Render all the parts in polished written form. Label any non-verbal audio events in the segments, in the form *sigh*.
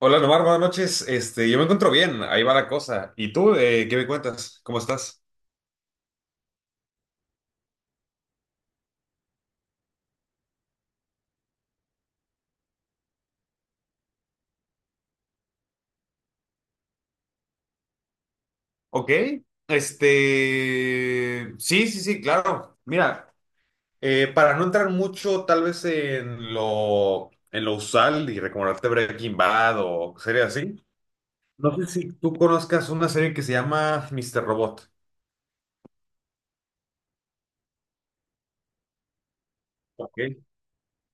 Hola Nomar, buenas noches. Yo me encuentro bien, ahí va la cosa. ¿Y tú, qué me cuentas? ¿Cómo estás? Ok, sí, sí, sí, claro. Mira, para no entrar mucho tal vez en lo usual y recomendarte Breaking Bad o series así, no sé si tú conozcas una serie que se llama Mr. Robot. Ok.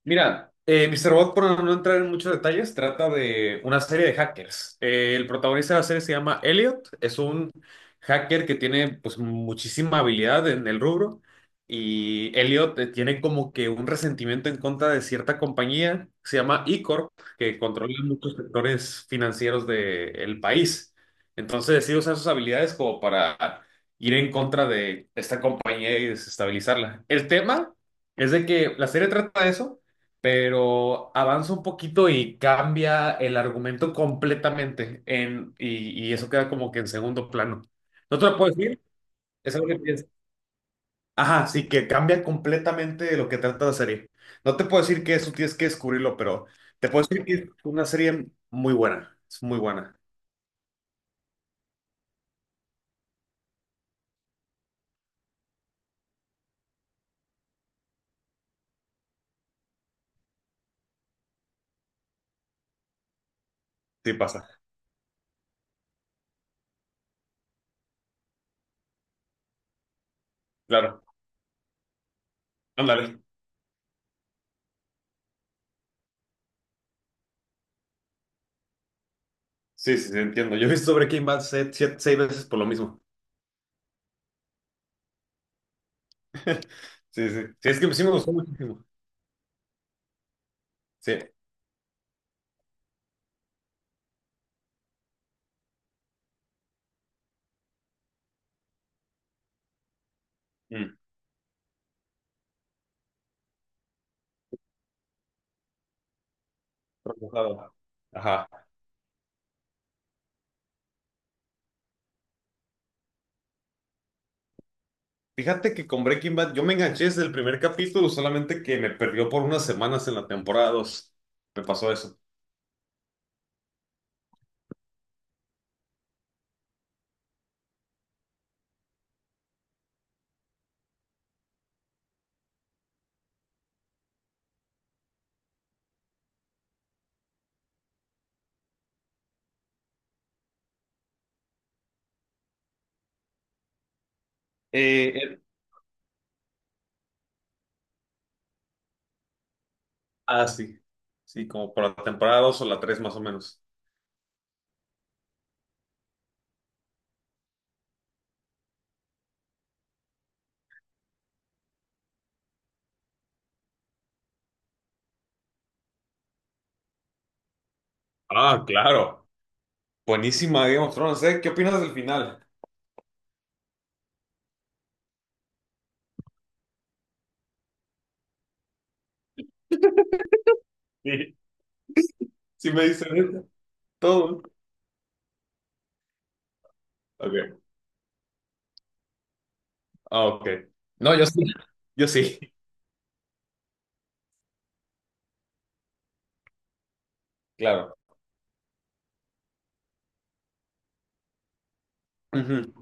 Mira, Mr. Robot, por no entrar en muchos detalles, trata de una serie de hackers. El protagonista de la serie se llama Elliot, es un hacker que tiene pues muchísima habilidad en el rubro y Elliot tiene como que un resentimiento en contra de cierta compañía, que se llama E-Corp, que controla muchos sectores financieros del país. Entonces decide usar sus habilidades como para ir en contra de esta compañía y desestabilizarla. El tema... Es de que la serie trata de eso, pero avanza un poquito y cambia el argumento completamente y eso queda como que en segundo plano. ¿No te lo puedo decir? Es algo que piensas. Ajá, sí, que cambia completamente lo que trata la serie. No te puedo decir que eso tienes que descubrirlo, pero te puedo decir que es una serie muy buena. Es muy buena. Sí pasa. Claro. Ándale. Sí, sí, sí, entiendo. Yo he visto Breaking Bad seis veces por lo mismo. *laughs* Sí, sí. Sí, es que sí me gustó muchísimo. Sí. Mm. Procesado. Ajá. Fíjate que con Breaking Bad yo me enganché desde el primer capítulo, solamente que me perdió por unas semanas en la temporada dos. Me pasó eso. Eh, eh, sí. Sí, como por la temporada 2 o la tres más o menos. Ah, claro. Buenísima Game of Thrones, ¿eh? ¿Qué opinas del final? Sí, sí me dicen eso. Todo. Ok. Ah, ok. No, yo sí. Yo sí. Claro. Ujú.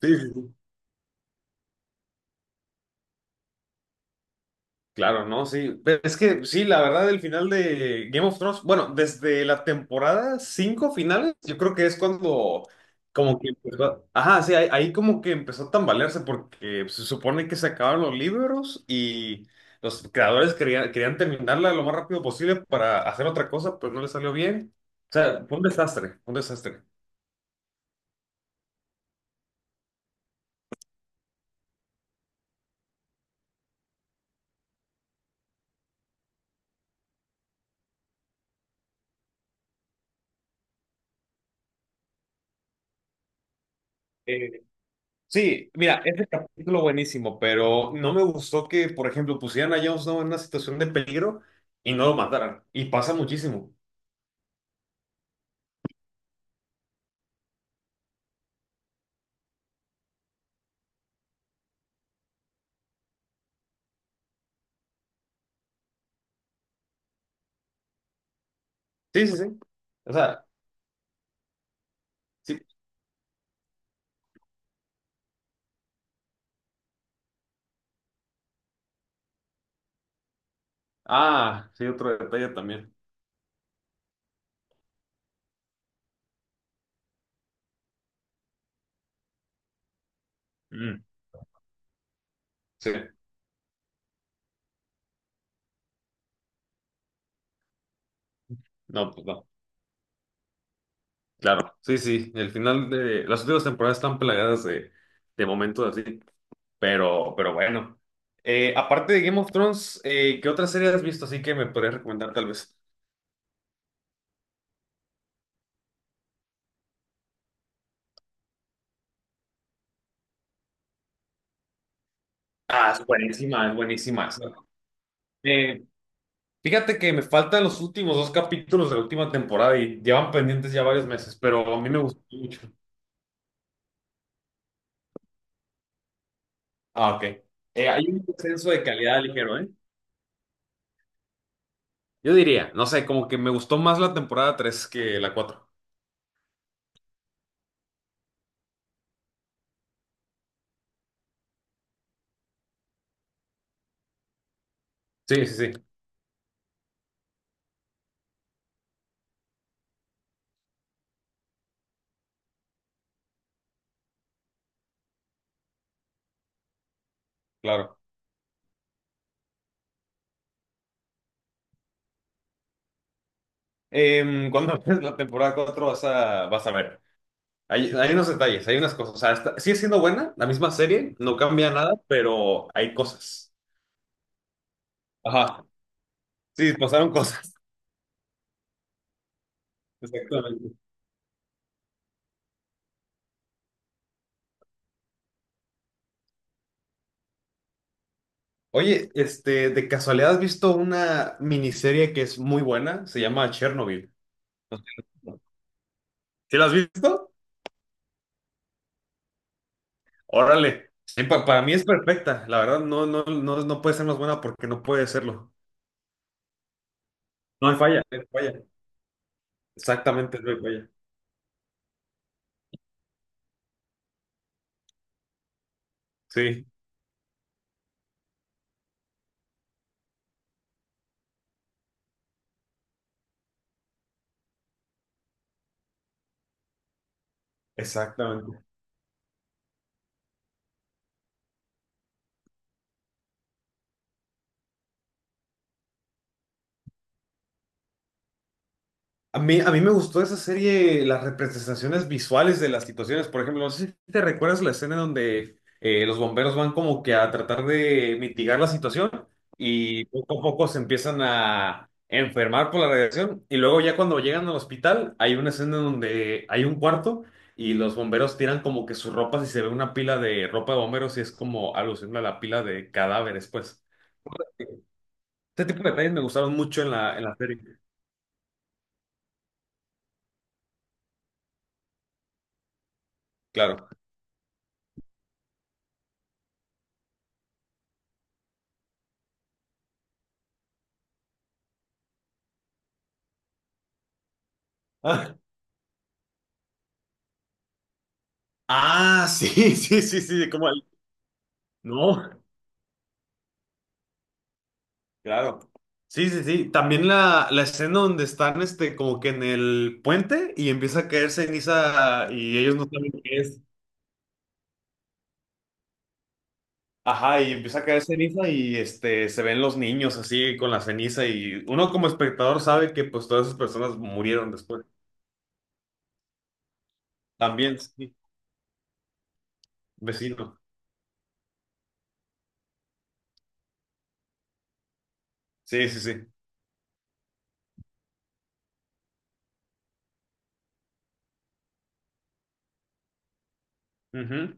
Sí, sí, sí. Claro, ¿no? Sí. Pero es que sí, la verdad, el final de Game of Thrones, bueno, desde la temporada 5 finales, yo creo que es cuando como que empezó, ajá, sí, ahí, ahí como que empezó a tambalearse porque se supone que se acabaron los libros y los creadores querían terminarla lo más rápido posible para hacer otra cosa, pero no les salió bien. O sea, fue un desastre, fue un desastre. Sí, mira, es el capítulo buenísimo, pero no me gustó que, por ejemplo, pusieran a Jon Snow en una situación de peligro y no lo mataran. Y pasa muchísimo. Sí, sí, sí. O sea, sí. Ah, sí, otro detalle también. Mm, sí, no, pues no. Claro, sí, sí. El final de las últimas temporadas están plagadas de momentos así, pero bueno. Aparte de Game of Thrones, ¿qué otra serie has visto así que me podrías recomendar tal vez? Ah, es buenísima, es buenísima. Fíjate que me faltan los últimos dos capítulos de la última temporada y llevan pendientes ya varios meses, pero a mí me gustó mucho. Ah, ok. Hay un descenso de calidad ligero, ¿eh? Yo diría, no sé, como que me gustó más la temporada tres que la cuatro. Sí, sí, sí, claro. Cuando *laughs* ves la temporada 4 vas a ver. Hay unos detalles, hay unas cosas. O sea, está- sigue siendo buena, la misma serie, no cambia nada, pero hay cosas. Ajá. Sí, pasaron cosas. *laughs* Exactamente. Oye, este, de casualidad has visto una miniserie que es muy buena, se llama Chernobyl. ¿Sí la has visto? Órale. Sí, para mí es perfecta, la verdad no, no, no, no puede ser más buena porque no puede serlo. No hay falla. No hay falla. Exactamente, no hay falla. Sí, exactamente. A mí me gustó esa serie, las representaciones visuales de las situaciones. Por ejemplo, no sé si te recuerdas la escena donde los bomberos van como que a tratar de mitigar la situación y poco a poco se empiezan a enfermar por la radiación. Y luego ya cuando llegan al hospital, hay una escena donde hay un cuarto y los bomberos tiran como que sus ropas y se ve una pila de ropa de bomberos y es como alusión a la pila de cadáveres, pues. Este tipo de detalles me gustaron mucho en la serie. Claro. *laughs* Ah, sí, *laughs* sí, sí, sí, como el- No, claro. Sí, sí, sí. También la escena donde están este, como que en el puente y empieza a caer ceniza y ellos no saben qué es. Ajá, y empieza a caer ceniza y este, se ven los niños así con la ceniza y uno como espectador sabe que pues todas esas personas murieron después. También, sí, vecino. Sí, sí, sí. Ujú.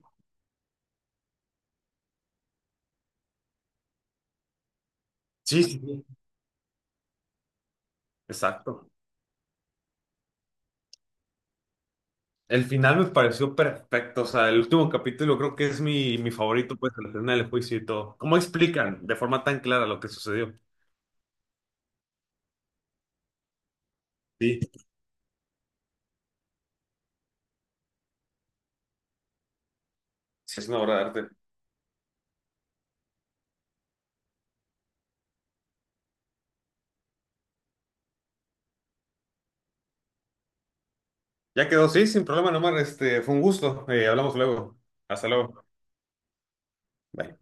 Sí, sí, sí. Exacto. El final me pareció perfecto, o sea, el último capítulo creo que es mi favorito, pues, al final del juicio y todo. ¿Cómo explican de forma tan clara lo que sucedió? Sí, sí, es una obra de arte. Ya quedó, sí, sin problema, nomás, este, fue un gusto. Hablamos luego. Hasta luego. Bye.